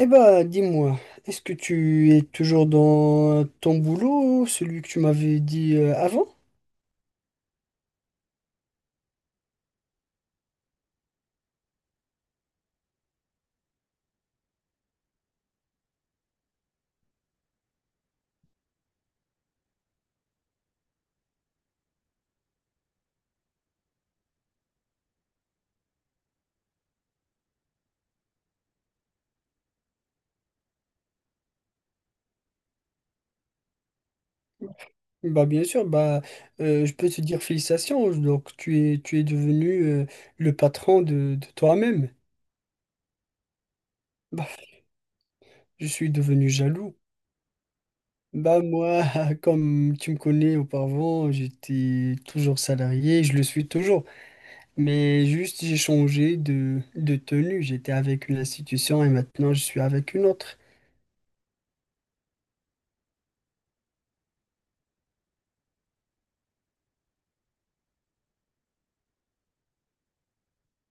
Eh bah, dis-moi, est-ce que tu es toujours dans ton boulot, celui que tu m'avais dit avant? Bah bien sûr, bah je peux te dire félicitations, donc tu es devenu le patron de toi-même. Bah, je suis devenu jaloux. Bah moi, comme tu me connais auparavant, j'étais toujours salarié, je le suis toujours. Mais juste j'ai changé de tenue. J'étais avec une institution et maintenant je suis avec une autre.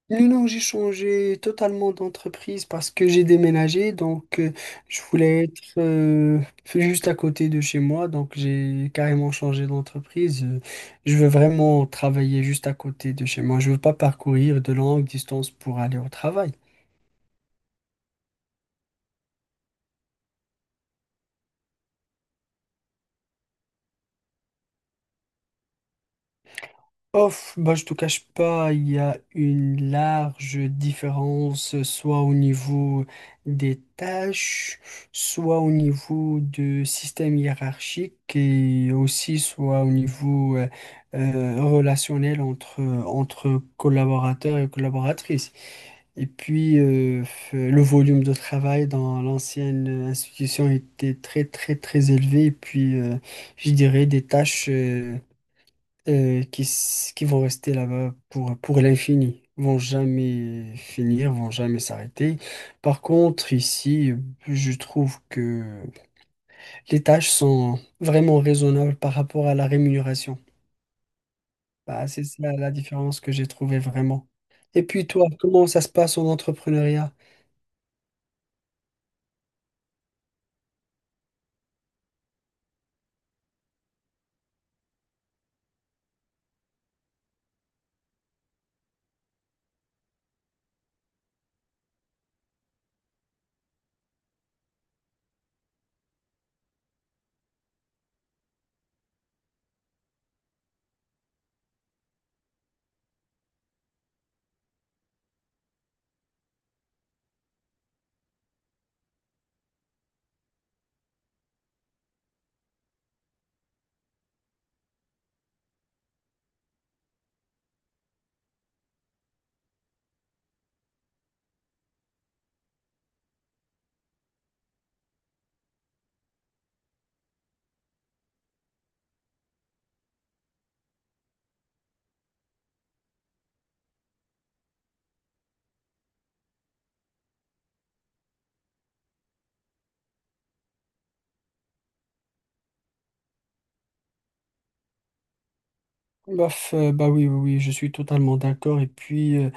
Non, non, j'ai changé totalement d'entreprise parce que j'ai déménagé, donc je voulais être juste à côté de chez moi, donc j'ai carrément changé d'entreprise. Je veux vraiment travailler juste à côté de chez moi. Je veux pas parcourir de longues distances pour aller au travail. Off, bah, je te cache pas, il y a une large différence, soit au niveau des tâches, soit au niveau du système hiérarchique et aussi soit au niveau relationnel entre, entre collaborateurs et collaboratrices. Et puis, le volume de travail dans l'ancienne institution était très, très, très élevé. Et puis, je dirais des tâches. Qui, qui vont rester là-bas pour l'infini, vont jamais finir, vont jamais s'arrêter. Par contre, ici, je trouve que les tâches sont vraiment raisonnables par rapport à la rémunération. Bah, c'est ça la différence que j'ai trouvée vraiment. Et puis toi, comment ça se passe en entrepreneuriat? Bof, bah oui, oui, oui, je suis totalement d'accord. Et puis, euh,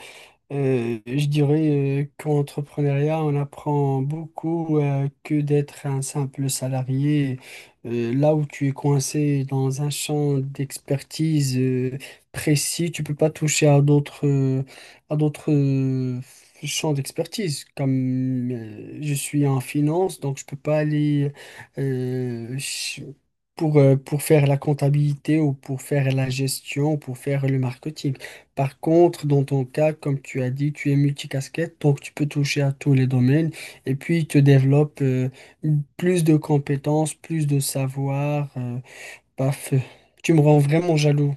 Euh, je dirais qu'en entrepreneuriat, on apprend beaucoup que d'être un simple salarié. Là où tu es coincé dans un champ d'expertise précis, tu peux pas toucher à d'autres à d'autres champs d'expertise. Comme je suis en finance, donc je peux pas aller euh, ch- pour faire la comptabilité ou pour faire la gestion ou pour faire le marketing. Par contre, dans ton cas, comme tu as dit, tu es multicasquette, donc tu peux toucher à tous les domaines et puis tu développes plus de compétences, plus de savoir. paf, Tu me rends vraiment jaloux.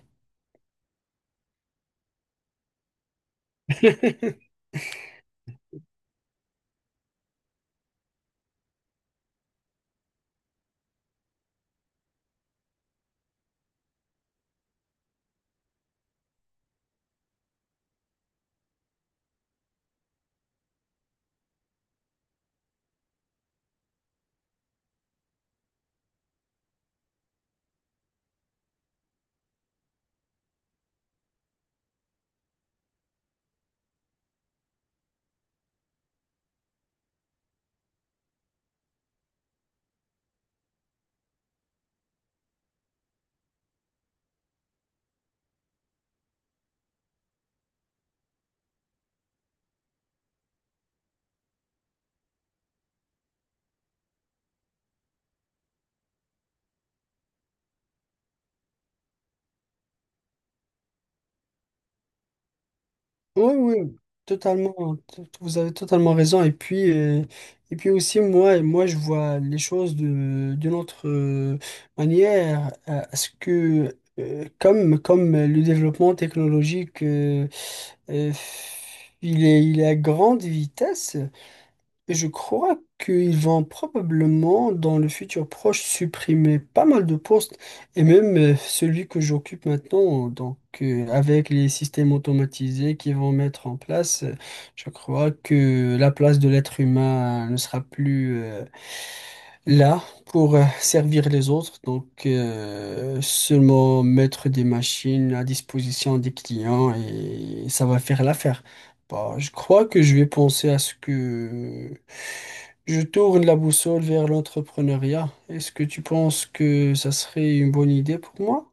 Oui, oui, totalement. Vous avez totalement raison. Et puis aussi, moi, je vois les choses de, d'une autre manière. À ce que, comme, comme le développement technologique, euh, il est à grande vitesse, mais je crois qu'ils vont probablement, dans le futur proche, supprimer pas mal de postes, et même celui que j'occupe maintenant. Donc, avec les systèmes automatisés qu'ils vont mettre en place, je crois que la place de l'être humain ne sera plus là, pour servir les autres, donc seulement mettre des machines à disposition des clients et ça va faire l'affaire. Bah, je crois que je vais penser à ce que je tourne la boussole vers l'entrepreneuriat. Est-ce que tu penses que ça serait une bonne idée pour moi?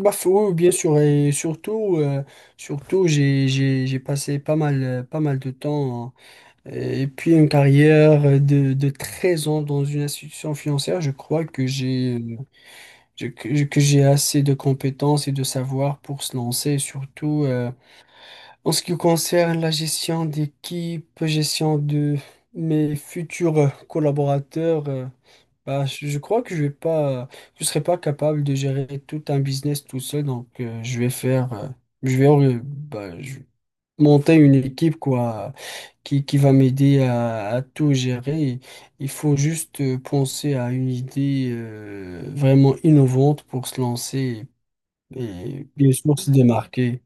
Bah, faut, bien sûr, et surtout, surtout j'ai passé pas mal de temps. Euh, Et puis une carrière de 13 ans dans une institution financière, je crois que j'ai je- que j'ai assez de compétences et de savoir pour se lancer, et surtout en ce qui concerne la gestion d'équipe, gestion de mes futurs collaborateurs. Bah, je crois que je serai pas capable de gérer tout un business tout seul, donc je vais faire, je vais, bah, je- monter une équipe quoi qui va m'aider à tout gérer. Il faut juste penser à une idée vraiment innovante pour se lancer et bien sûr se démarquer.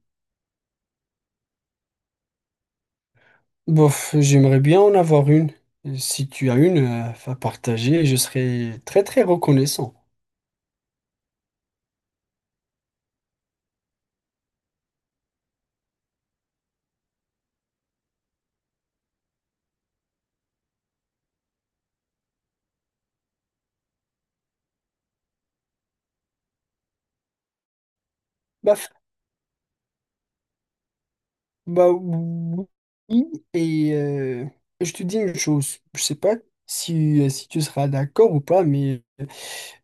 Bof, j'aimerais bien en avoir une. Si tu as une à partager, je serais très très reconnaissant. Baf, bah oui. Et je te dis une chose, je sais pas si, si tu seras d'accord ou pas, mais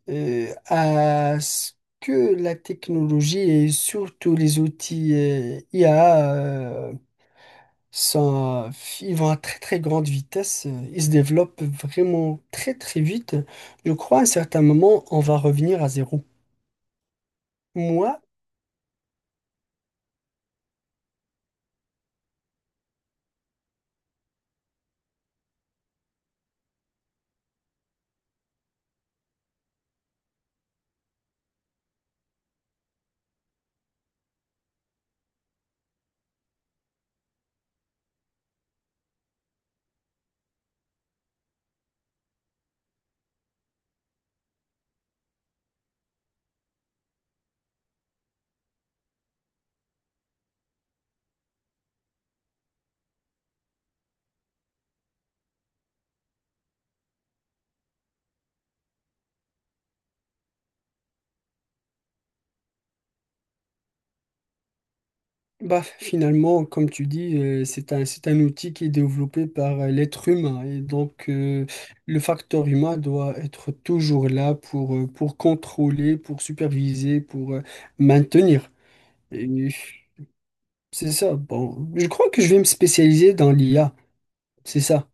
à ce que la technologie et surtout les outils IA sont, ils vont à très très grande vitesse, ils se développent vraiment très très vite. Je crois à un certain moment, on va revenir à zéro. Moi, bah, finalement, comme tu dis, c'est c'est un outil qui est développé par l'être humain et donc le facteur humain doit être toujours là pour contrôler, pour superviser, pour maintenir. Et c'est ça. Bon, je crois que je vais me spécialiser dans l'IA. C'est ça.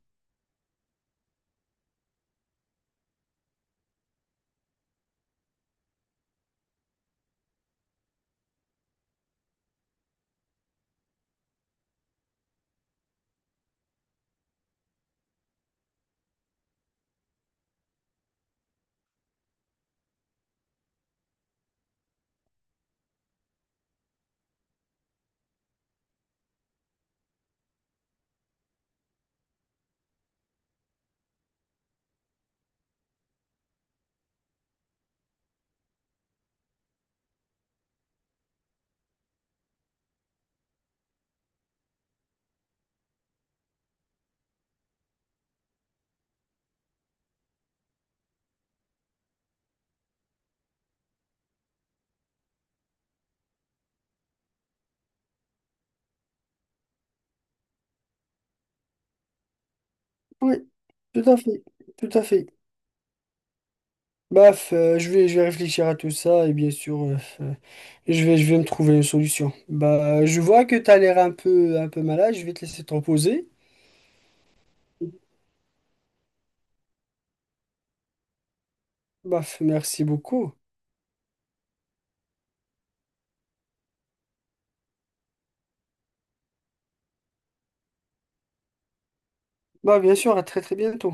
Oui, tout à fait. Tout à fait. Baf, je vais réfléchir à tout ça et bien sûr, je vais me trouver une solution. Bah, je vois que tu as l'air un peu malade. Je vais te laisser te reposer. Baf, merci beaucoup. Bah, bien sûr, à très très bientôt.